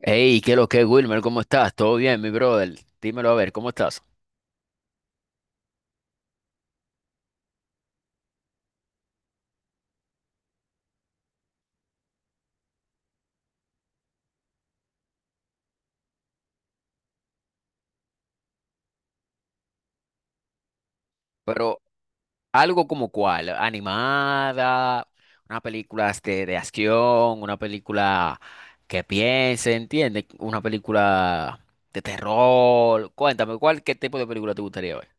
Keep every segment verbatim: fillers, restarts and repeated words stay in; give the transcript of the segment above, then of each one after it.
Hey, ¿qué lo que, Wilmer? ¿Cómo estás? ¿Todo bien, mi brother? Dímelo a ver, ¿cómo estás? Pero algo como cuál, animada, una película este, de acción, una película que piense, ¿entiendes? Una película de terror. Cuéntame, ¿cuál, ¿qué tipo de película te gustaría ver?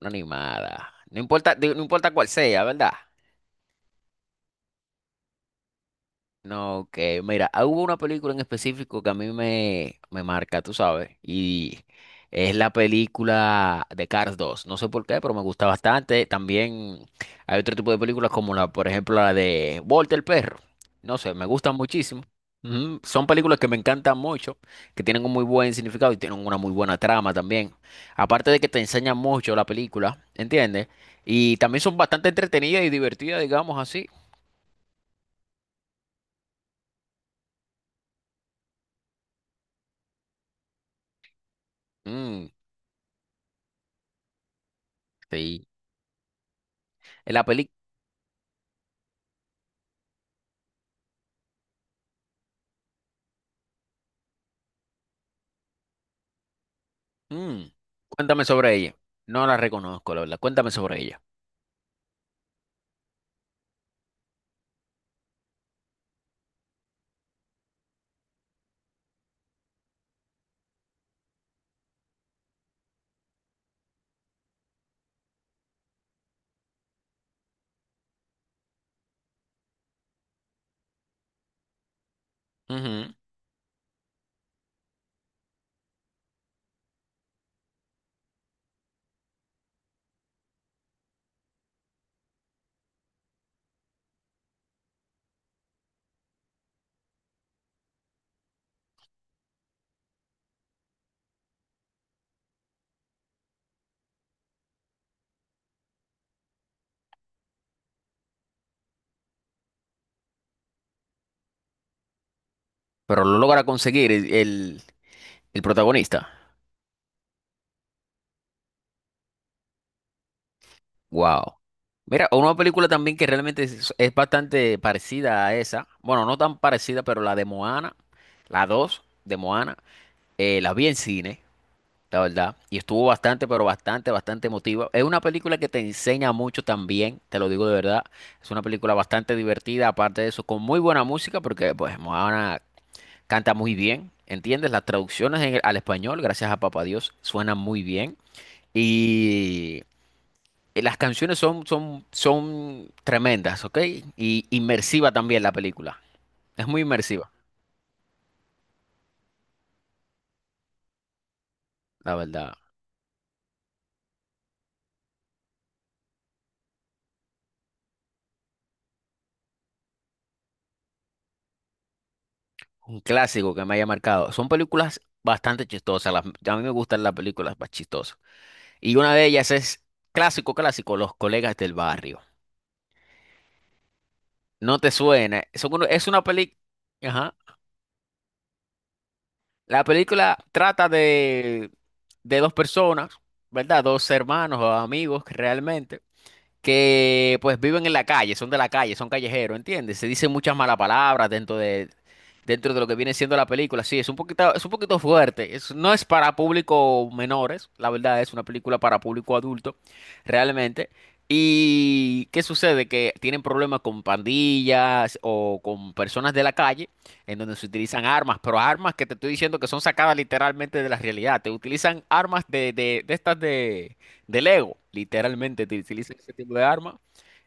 Una animada. No importa, digo, no importa cuál sea, ¿verdad? No, que mira, ah, hubo una película en específico que a mí me, me marca, tú sabes, y es la película de Cars dos. No sé por qué, pero me gusta bastante. También hay otro tipo de películas como la, por ejemplo, la de Volta el perro. No sé, me gustan muchísimo. Ujú. Son películas que me encantan mucho, que tienen un muy buen significado y tienen una muy buena trama también. Aparte de que te enseñan mucho la película, ¿entiendes? Y también son bastante entretenidas y divertidas, digamos así. Mm, sí. La película. Mm. Cuéntame sobre ella. No la reconozco, la verdad. Cuéntame sobre ella. Ujú. Pero lo logra conseguir el, el- el protagonista. Wow. Mira, una película también que realmente es, es bastante parecida a esa. Bueno, no tan parecida, pero la de Moana, la dos de Moana, eh, la vi en cine, la verdad. Y estuvo bastante, pero bastante, bastante emotiva. Es una película que te enseña mucho también, te lo digo de verdad. Es una película bastante divertida, aparte de eso, con muy buena música, porque pues Moana canta muy bien, ¿entiendes? Las traducciones en- al español, gracias a Papá Dios, suenan muy bien. Y las canciones son, son, son tremendas, ¿ok? Y inmersiva también la película. Es muy inmersiva, la verdad. Un clásico que me haya marcado. Son películas bastante chistosas. Las- a mí me gustan las películas más chistosas. Y una de ellas es clásico, clásico, Los Colegas del Barrio. No te suena. Son uno- Es una película... La película trata de, de dos personas, ¿verdad? Dos hermanos o amigos que realmente que pues viven en la calle, son de la calle, son callejeros, ¿entiendes? Se dicen muchas malas palabras dentro de, dentro de lo que viene siendo la película. Sí, es un poquito, es un poquito fuerte. Es- no es para público menores, la verdad es una película para público adulto, realmente. ¿Y qué sucede? Que tienen problemas con pandillas o con personas de la calle, en donde se utilizan armas, pero armas que te estoy diciendo que son sacadas literalmente de la realidad. Te utilizan armas de, de, de estas de de Lego, literalmente te utilizan ese tipo de arma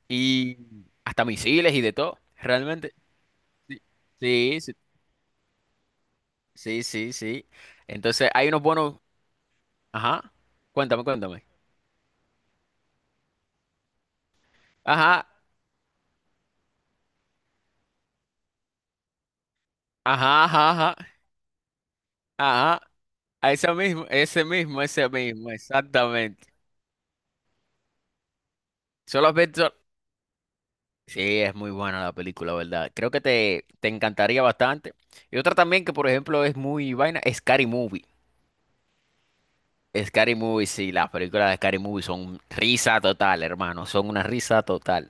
y hasta misiles y de todo, realmente. Sí, sí, sí, sí, sí. Entonces hay unos buenos, ajá, cuéntame, cuéntame. Ajá, ajá, ajá, ajá, ajá, a ese mismo, ese mismo, ese mismo, exactamente. Solo has visto... Sí, es muy buena la película, ¿verdad? Creo que te, te encantaría bastante. Y otra también que, por ejemplo, es muy vaina, es Scary Movie. Scary Movie, sí, las películas de Scary Movie son risa total, hermano, son una risa total.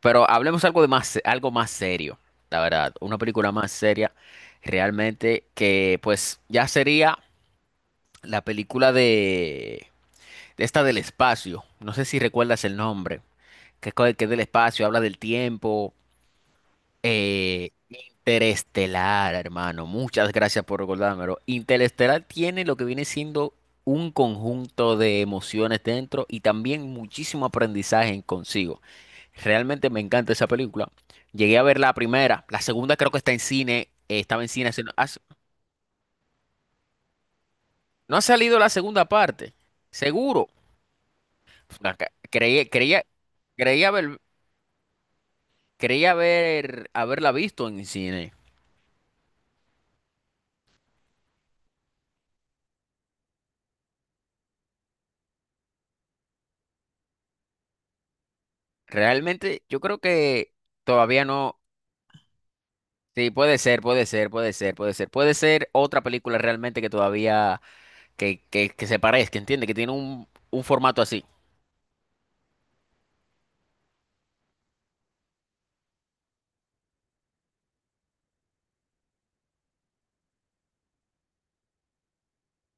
Pero hablemos algo de más, algo más serio, la verdad, una película más seria, realmente, que pues ya sería la película de, de esta del espacio, no sé si recuerdas el nombre, que es co- que es del espacio, habla del tiempo. Eh, Interestelar, hermano. Muchas gracias por recordármelo. Interestelar tiene lo que viene siendo un conjunto de emociones dentro y también muchísimo aprendizaje en consigo. Realmente me encanta esa película. Llegué a ver la primera, la segunda creo que está en cine, eh, estaba en cine. Hace- no, hace- no ha salido la segunda parte, seguro. Acá- Creí, creía, creía haber, creía haber, haberla visto en cine. Realmente yo creo que todavía no. Sí, puede ser, puede ser, puede ser, puede ser. Puede ser otra película realmente que todavía, que, que, que se parezca, entiende, que tiene un, un formato así.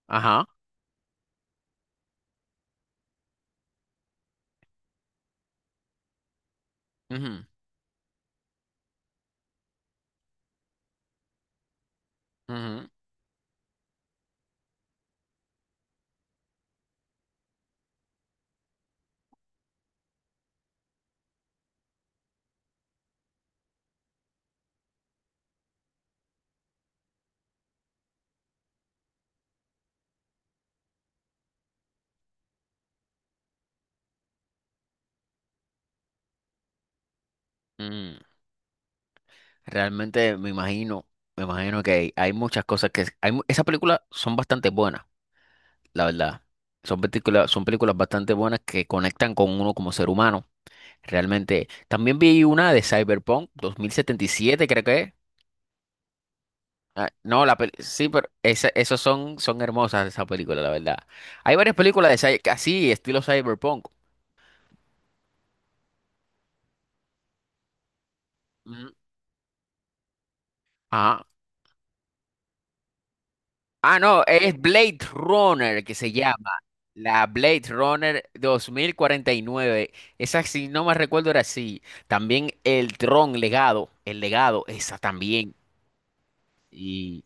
Ajá. Ujú, ujú, mm. Realmente me imagino, Me imagino que hay, hay muchas cosas que... Hay, mu- esas películas son bastante buenas, la verdad. Son películas, son películas bastante buenas que conectan con uno como ser humano. Realmente. También vi una de Cyberpunk dos mil setenta y siete, creo que es. Ah, no, la peli- sí, pero esa- esos son, son hermosas esa película, la verdad. Hay varias películas de cy- así, estilo cyberpunk. Mm, ajá. Ah, no, es Blade Runner que se llama. La Blade Runner dos mil cuarenta y nueve. Esa, si no me recuerdo, era así. También el Tron Legado. El Legado, esa también. Y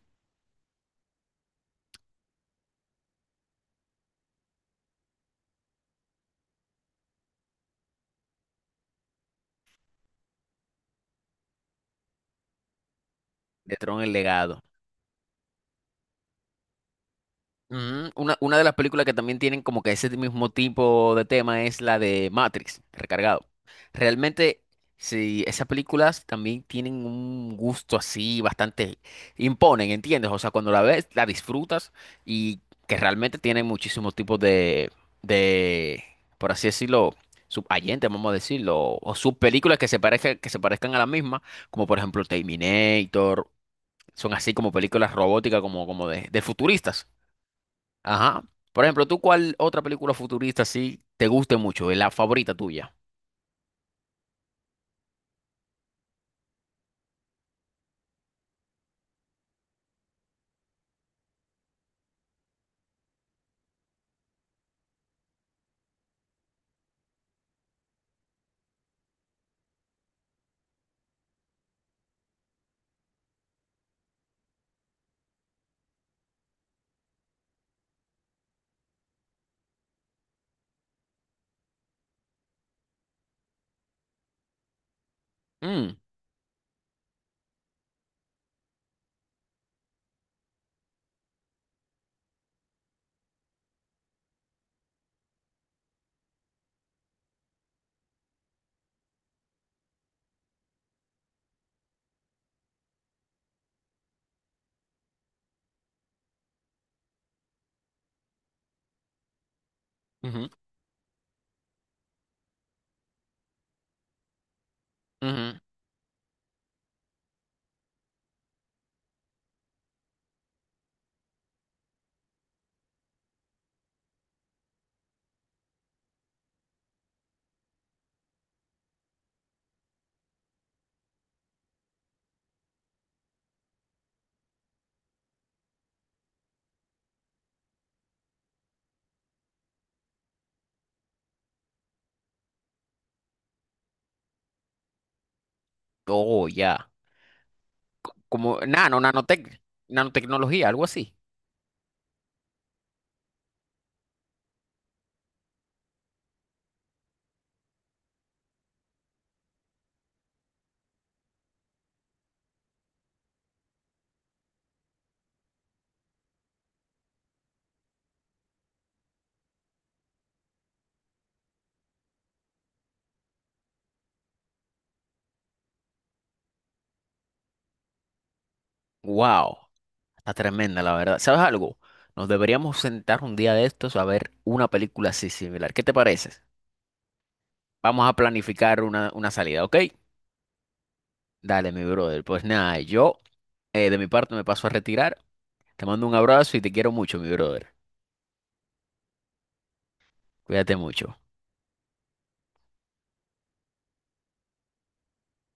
de Tron el Legado. Mm, una, una de las películas que también tienen como que ese mismo tipo de tema es la de Matrix, recargado. Realmente, sí, esas películas también tienen un gusto así bastante, imponen, ¿entiendes? O sea, cuando la ves, la disfrutas y que realmente tienen muchísimos tipos de, de, por así decirlo, subayentes, vamos a decirlo, o subpelículas que se parezcan, que se parezcan a la misma, como por ejemplo Terminator, son así como películas robóticas, como, como de de futuristas. Ajá. Por ejemplo, ¿tú cuál otra película futurista sí te guste mucho? Es la favorita tuya. Mm, ujú, ujú. Oh, ya. Co- Como nano, nanotec, nanotecnología, algo así. Wow. Está tremenda, la verdad. ¿Sabes algo? Nos deberíamos sentar un día de estos a ver una película así similar. ¿Qué te parece? Vamos a planificar una, una salida, ¿ok? Dale, mi brother. Pues nada, yo eh, de mi parte me paso a retirar. Te mando un abrazo y te quiero mucho, mi brother. Cuídate mucho.